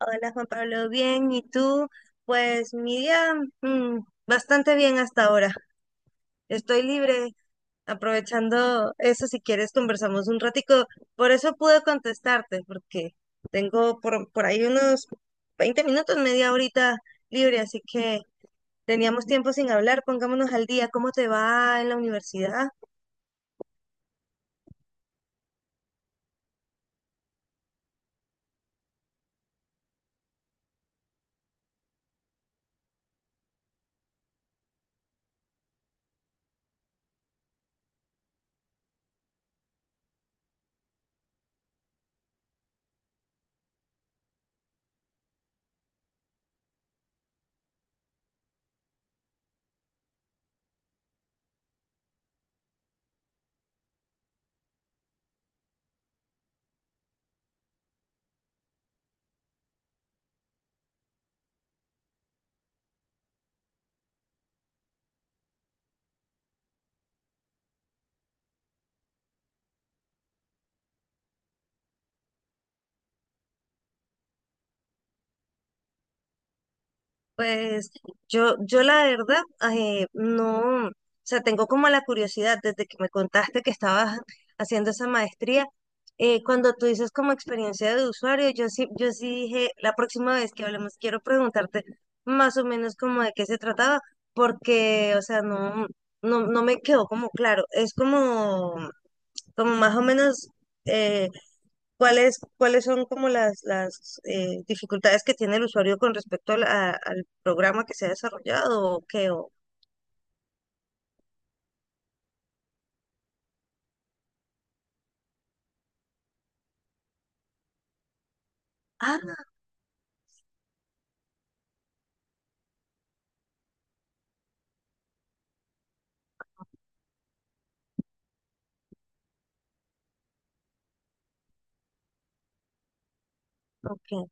Hola Juan Pablo, bien, ¿y tú? Pues mi día mm, bastante bien hasta ahora. Estoy libre, aprovechando eso, si quieres conversamos un ratico. Por eso pude contestarte, porque tengo por ahí unos 20 minutos, media horita libre, así que teníamos tiempo sin hablar. Pongámonos al día, ¿cómo te va en la universidad? Pues yo la verdad, no, o sea, tengo como la curiosidad desde que me contaste que estabas haciendo esa maestría. Cuando tú dices como experiencia de usuario, yo sí dije, la próxima vez que hablemos, quiero preguntarte más o menos como de qué se trataba, porque, o sea, no me quedó como claro. Es como más o menos, eh, ¿cuáles son como las dificultades que tiene el usuario con respecto a al programa que se ha desarrollado o qué? Ah, ok.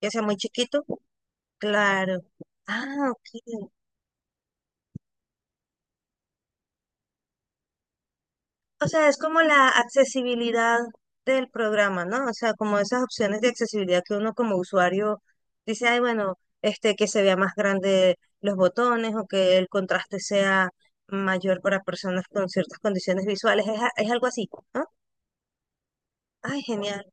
Que sea muy chiquito. Claro. Ah, ok. O sea, es como la accesibilidad del programa, ¿no? O sea, como esas opciones de accesibilidad que uno como usuario dice, ay, bueno, este, que se vea más grande los botones o que el contraste sea mayor para personas con ciertas condiciones visuales. Es algo así, ¿no? Ay, genial.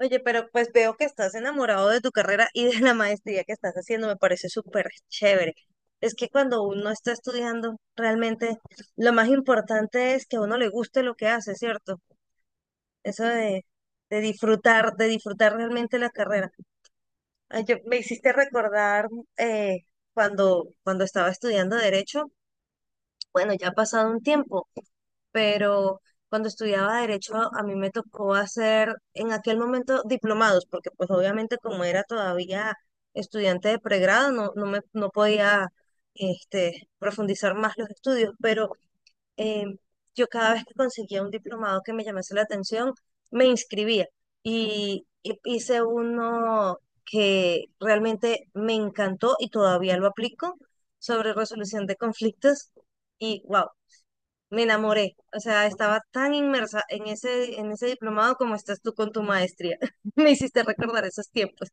Oye, pero pues veo que estás enamorado de tu carrera y de la maestría que estás haciendo, me parece súper chévere. Es que cuando uno está estudiando, realmente lo más importante es que a uno le guste lo que hace, ¿cierto? Eso de disfrutar, de disfrutar realmente la carrera. Ay, me hiciste recordar eh, cuando estaba estudiando Derecho, bueno, ya ha pasado un tiempo, pero cuando estudiaba derecho a mí me tocó hacer en aquel momento diplomados, porque pues obviamente como era todavía estudiante de pregrado, no podía, este, profundizar más los estudios, pero eh, yo cada vez que conseguía un diplomado que me llamase la atención, me inscribía y hice uno que realmente me encantó y todavía lo aplico sobre resolución de conflictos, y wow, me enamoré, o sea, estaba tan inmersa en ese diplomado como estás tú con tu maestría. Me hiciste recordar esos tiempos.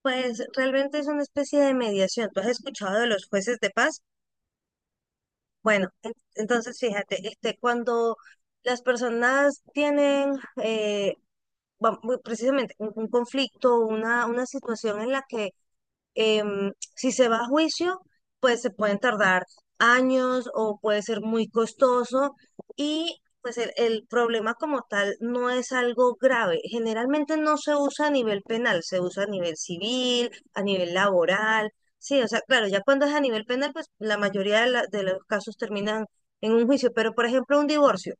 Pues realmente es una especie de mediación. ¿Tú has escuchado de los jueces de paz? Bueno, entonces fíjate, este, cuando las personas tienen eh, muy precisamente un conflicto, una situación en la que si se va a juicio, pues se pueden tardar años o puede ser muy costoso, y pues el problema como tal no es algo grave. Generalmente no se usa a nivel penal, se usa a nivel civil, a nivel laboral. Sí, o sea, claro, ya cuando es a nivel penal, pues la mayoría de los casos terminan en un juicio, pero por ejemplo un divorcio.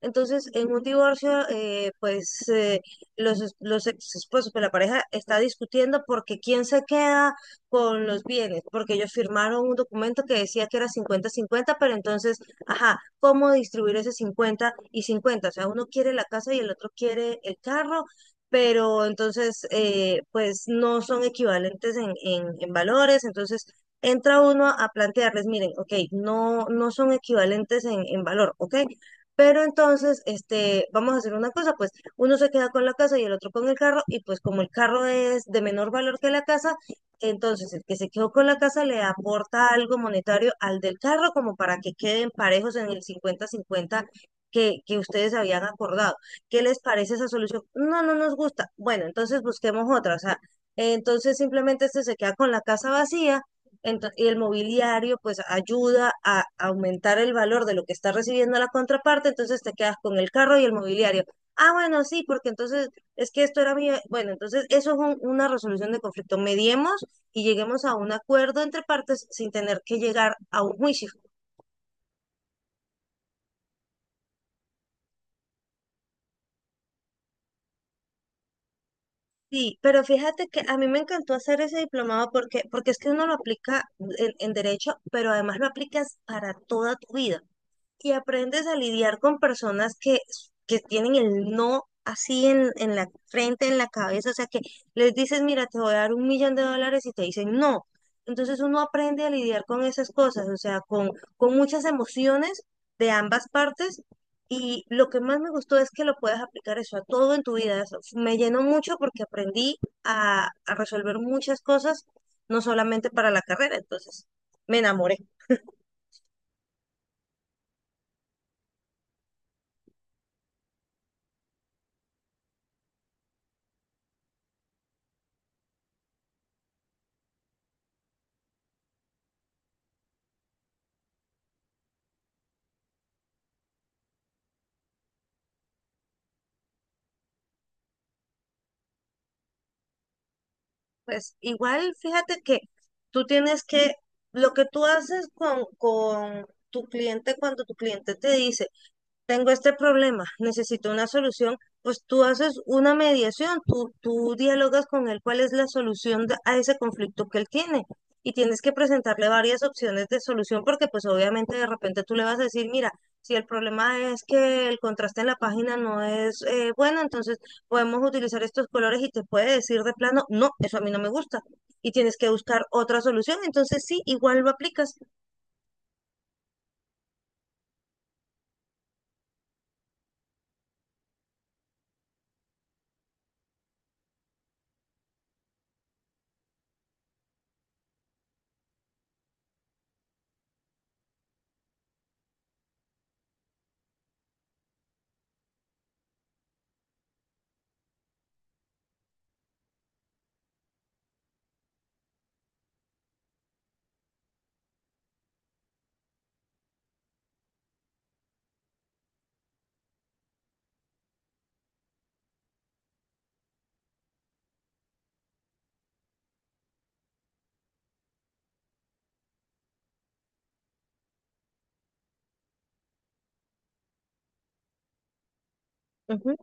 Entonces, en un divorcio, pues los ex esposos, pues la pareja está discutiendo porque quién se queda con los bienes, porque ellos firmaron un documento que decía que era 50-50, pero entonces, ajá, ¿cómo distribuir ese 50 y 50? O sea, uno quiere la casa y el otro quiere el carro, pero entonces, pues no son equivalentes en valores, entonces entra uno a plantearles, miren, ok, no, no son equivalentes en valor, ok, pero entonces, este, vamos a hacer una cosa, pues uno se queda con la casa y el otro con el carro, y pues como el carro es de menor valor que la casa, entonces el que se quedó con la casa le aporta algo monetario al del carro como para que queden parejos en el 50-50 que ustedes habían acordado. ¿Qué les parece esa solución? No, no nos gusta. Bueno, entonces busquemos otra, o sea, entonces simplemente este se queda con la casa vacía. Y el mobiliario pues ayuda a aumentar el valor de lo que está recibiendo la contraparte, entonces te quedas con el carro y el mobiliario. Ah, bueno, sí, porque entonces es que esto era mío. Bueno, entonces eso es una resolución de conflicto. Mediemos y lleguemos a un acuerdo entre partes sin tener que llegar a un juicio. Sí, pero fíjate que a mí me encantó hacer ese diplomado porque es que uno lo aplica en derecho, pero además lo aplicas para toda tu vida. Y aprendes a lidiar con personas que tienen el no así en la frente, en la cabeza, o sea que les dices, mira, te voy a dar 1.000.000 de dólares y te dicen no. Entonces uno aprende a lidiar con esas cosas, o sea, con muchas emociones de ambas partes. Y lo que más me gustó es que lo puedas aplicar eso a todo en tu vida. Eso me llenó mucho porque aprendí a resolver muchas cosas, no solamente para la carrera. Entonces, me enamoré. Pues igual, fíjate que tú tienes que, lo que tú haces con tu cliente cuando tu cliente te dice, tengo este problema, necesito una solución, pues tú haces una mediación, tú dialogas con él cuál es la solución a ese conflicto que él tiene. Y tienes que presentarle varias opciones de solución, porque pues obviamente de repente tú le vas a decir, mira, si el problema es que el contraste en la página no es, bueno, entonces podemos utilizar estos colores y te puede decir de plano, no, eso a mí no me gusta. Y tienes que buscar otra solución. Entonces sí, igual lo aplicas. Ujú.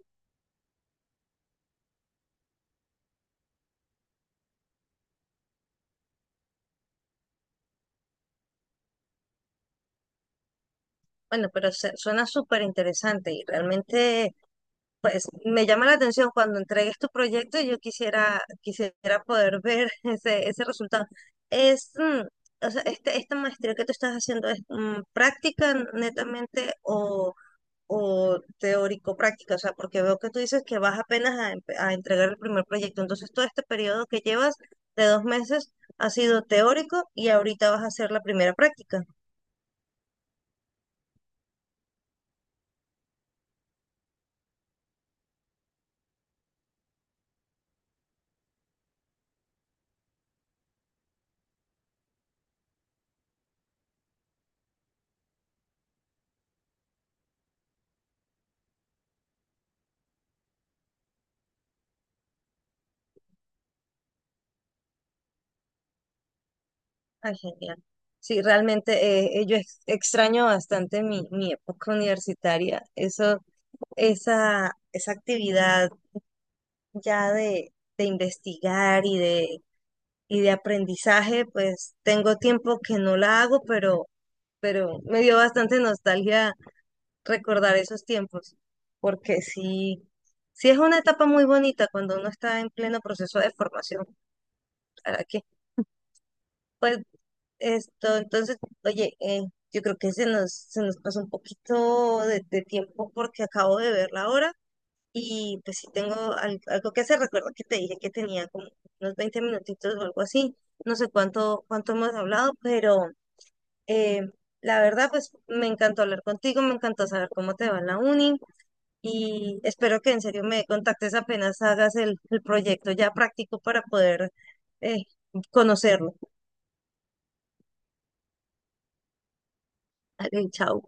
Bueno, pero suena súper interesante y realmente pues me llama la atención cuando entregues tu proyecto. Yo quisiera poder ver ese resultado. Es, o sea, esta maestría que tú estás haciendo es práctica netamente, o teórico-práctica, o sea, porque veo que tú dices que vas apenas a entregar el primer proyecto. Entonces, todo este periodo que llevas de 2 meses ha sido teórico y ahorita vas a hacer la primera práctica. Ay, genial. Sí, realmente extraño bastante mi época universitaria. Eso, esa actividad ya de investigar y de aprendizaje, pues tengo tiempo que no la hago, pero me dio bastante nostalgia recordar esos tiempos, porque sí, sí es una etapa muy bonita cuando uno está en pleno proceso de formación. ¿Para qué? Pues, esto, entonces, oye, yo creo que se nos pasó un poquito de tiempo porque acabo de ver la hora y pues sí tengo algo que hacer. Recuerda que te dije que tenía como unos 20 minutitos o algo así. No sé cuánto hemos hablado, pero eh, la verdad, pues me encantó hablar contigo, me encantó saber cómo te va en la uni y espero que en serio me contactes apenas hagas el proyecto ya práctico para poder eh, conocerlo. Vale, chao.